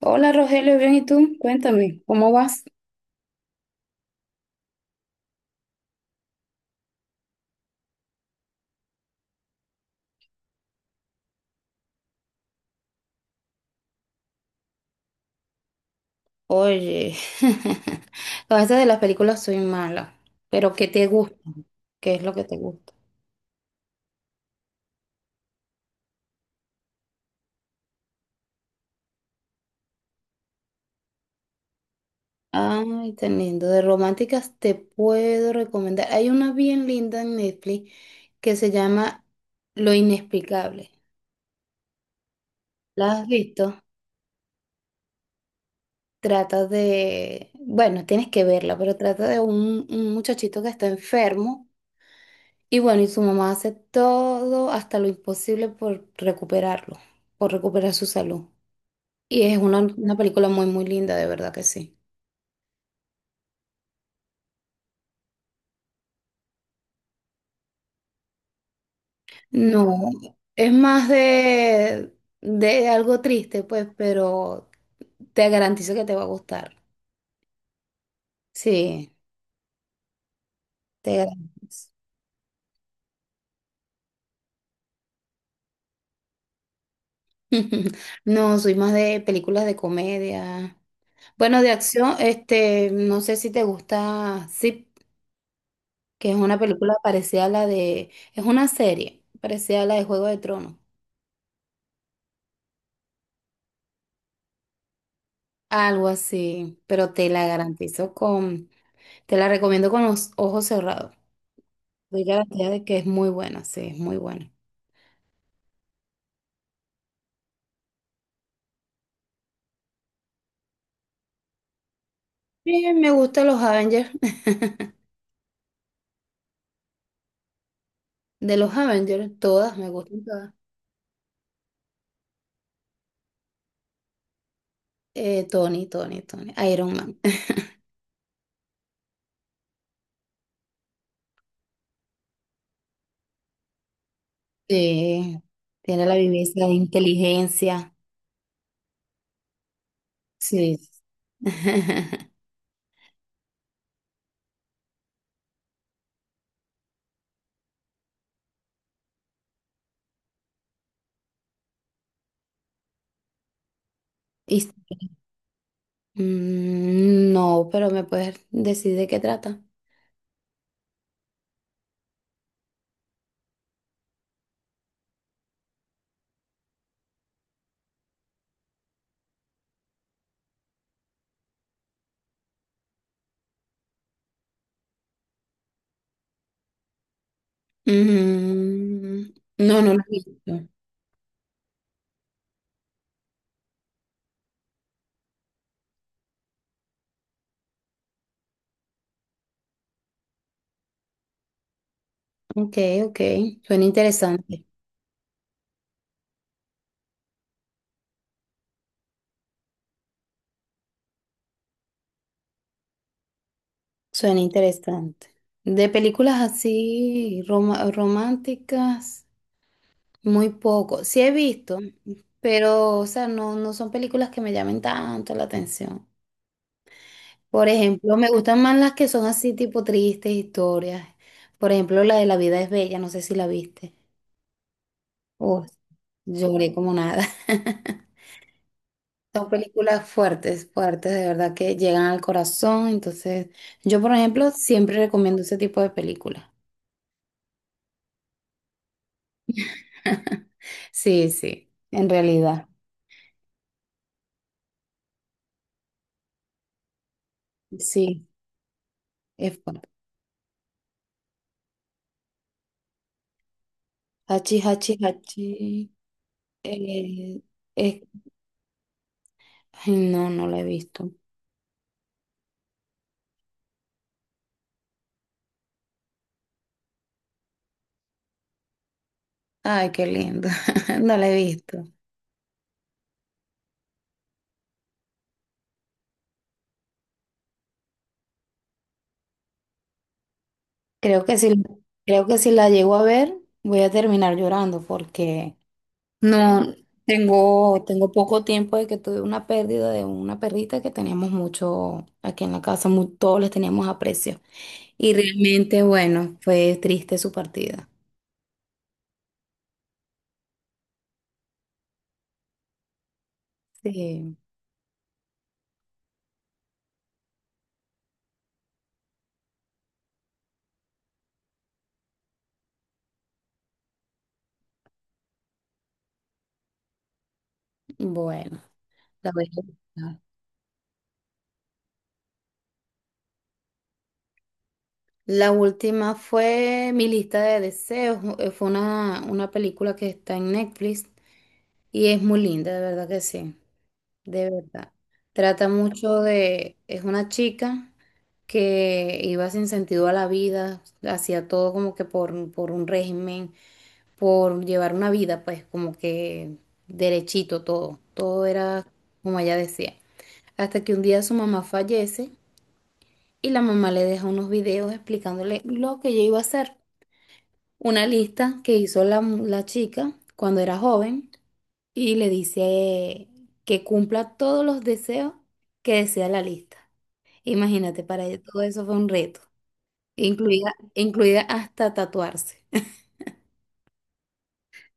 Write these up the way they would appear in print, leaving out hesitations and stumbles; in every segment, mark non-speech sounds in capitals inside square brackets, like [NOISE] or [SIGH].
Hola Rogelio, bien, ¿y tú? Cuéntame, ¿cómo vas? Oye, [LAUGHS] con esto de las películas soy mala, pero ¿qué te gusta? ¿Qué es lo que te gusta? Ay, tan lindo. De románticas te puedo recomendar. Hay una bien linda en Netflix que se llama Lo Inexplicable. ¿La has visto? Trata de, bueno, tienes que verla, pero trata de un muchachito que está enfermo. Y bueno, y su mamá hace todo hasta lo imposible por recuperarlo, por recuperar su salud. Y es una película muy linda, de verdad que sí. No, es más de algo triste, pues, pero te garantizo que te va a gustar. Sí, te garantizo. [LAUGHS] No, soy más de películas de comedia. Bueno, de acción, no sé si te gusta, sí. Que es una película parecida a la de, es una serie parecida a la de Juego de Tronos, algo así, pero te la garantizo con, te la recomiendo con los ojos cerrados. Doy garantía de que es muy buena, sí, es muy buena. Bien, me gustan los Avengers, [LAUGHS] de los Avengers, todas, me gustan todas. Tony, Iron Man. [LAUGHS] Sí, tiene la vivencia de inteligencia, sí. [LAUGHS] Y- Mm, no, pero me puedes decir de qué trata. Mm, no, no lo he visto. Ok, ok. Suena interesante. Suena interesante. De películas así roma- románticas, muy poco. Sí he visto, pero o sea, no, no son películas que me llamen tanto la atención. Por ejemplo, me gustan más las que son así tipo tristes historias. Por ejemplo, la de La vida es bella, no sé si la viste. Oh, lloré como nada. [LAUGHS] Son películas fuertes, fuertes, de verdad que llegan al corazón. Entonces, yo, por ejemplo, siempre recomiendo ese tipo de películas. [LAUGHS] Sí, sí, en realidad. Sí, es fuerte. Hachi, hachi, hachi. eh, es- Ay, no, no la he visto. Ay, qué lindo. [LAUGHS] No la he visto. Creo que si, Creo que si la llego a ver, voy a terminar llorando porque no, tengo, tengo poco tiempo de que tuve una pérdida de una perrita que teníamos mucho aquí en la casa, mu- todos les teníamos aprecio. Y realmente, bueno, fue triste su partida. Sí, bueno, la vez- La última fue mi lista de deseos. Fue una película que está en Netflix y es muy linda, de verdad que sí. De verdad. Trata mucho de, es una chica que iba sin sentido a la vida, hacía todo como que por un régimen, por llevar una vida, pues como que derechito todo, todo era como ella decía. Hasta que un día su mamá fallece y la mamá le deja unos videos explicándole lo que ella iba a hacer. Una lista que hizo la chica cuando era joven y le dice que cumpla todos los deseos que desea la lista. Imagínate, para ella todo eso fue un reto, incluida hasta tatuarse. [LAUGHS]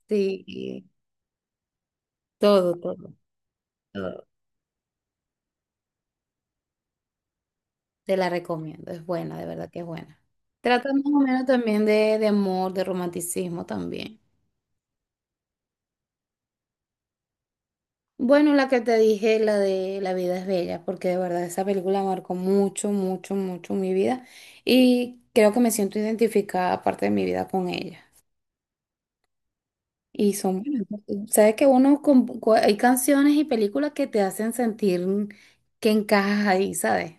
Sí, y todo, todo, todo. Te la recomiendo, es buena, de verdad que es buena. Trata más o menos también de amor, de romanticismo también. Bueno, la que te dije, la de La vida es bella, porque de verdad esa película marcó mucho, mucho, mucho mi vida y creo que me siento identificada parte de mi vida con ella. Y son, buenas porque sabes que uno, con- cu- hay canciones y películas que te hacen sentir que encajas ahí, ¿sabes?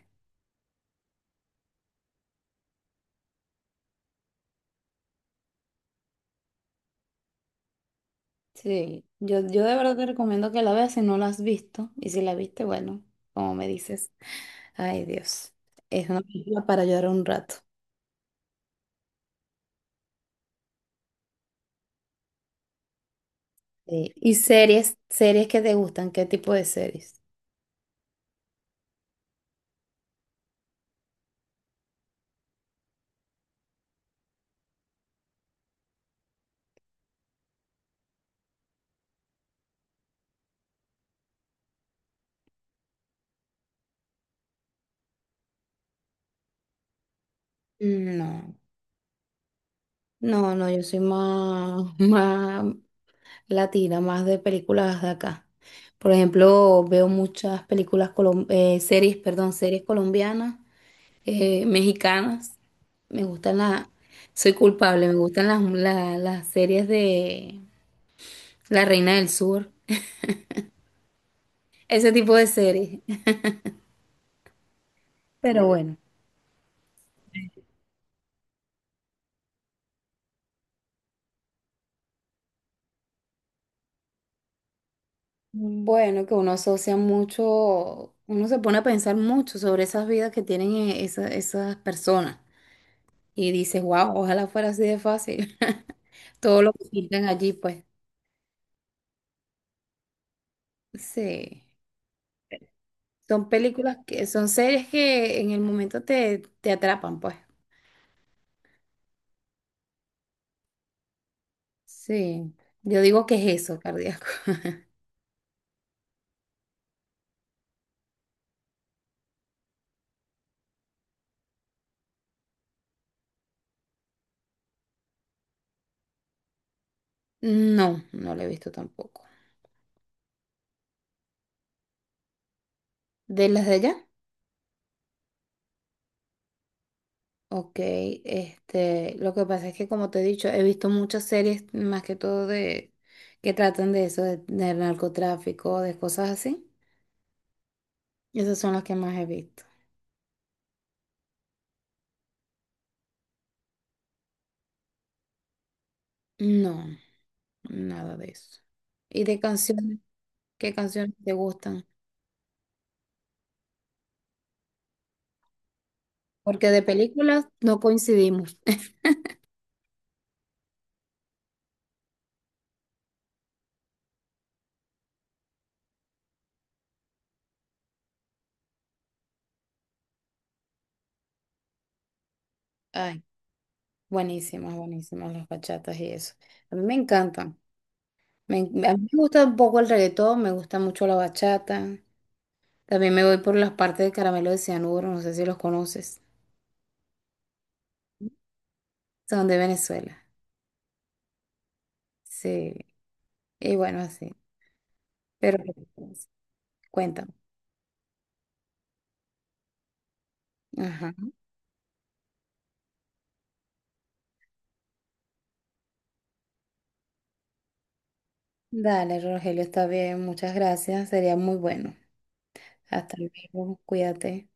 Sí, yo de verdad te recomiendo que la veas si no la has visto. Y si la viste, bueno, como me dices, ay Dios, es una película para llorar un rato. Sí. ¿Y series, series que te gustan? ¿Qué tipo de series? No, no, no, yo soy más, [LAUGHS] latina, más de películas de acá. Por ejemplo, veo muchas películas, colom- series, perdón, series colombianas, mexicanas. Me gustan las, soy culpable, me gustan las, la- las series de La Reina del Sur, ese tipo de series. Pero bueno, que uno asocia mucho, uno se pone a pensar mucho sobre esas vidas que tienen esa- esas personas y dice, wow, ojalá fuera así de fácil. [LAUGHS] Todo lo que pintan allí, pues. Sí, son películas que son series que en el momento te, te atrapan, pues. Sí, yo digo que es eso, cardíaco. [LAUGHS] No, no lo he visto tampoco. ¿De las de allá? Ok, lo que pasa es que como te he dicho, he visto muchas series más que todo de que tratan de eso, de, del narcotráfico, de cosas así. Esas son las que más he visto. No, nada de eso. ¿Y de canciones? ¿Qué canciones te gustan? Porque de películas no coincidimos. Ay, buenísimas, buenísimas las bachatas y eso. A mí me encantan. Me, a mí me gusta un poco el reggaetón, me gusta mucho la bachata. También me voy por las partes de Caramelo de Cianuro, no sé si los conoces. Son de Venezuela. Sí. Y bueno, así. Pero cuéntame. Ajá. Dale, Rogelio, está bien. Muchas gracias. Sería muy bueno. Hasta luego. Cuídate.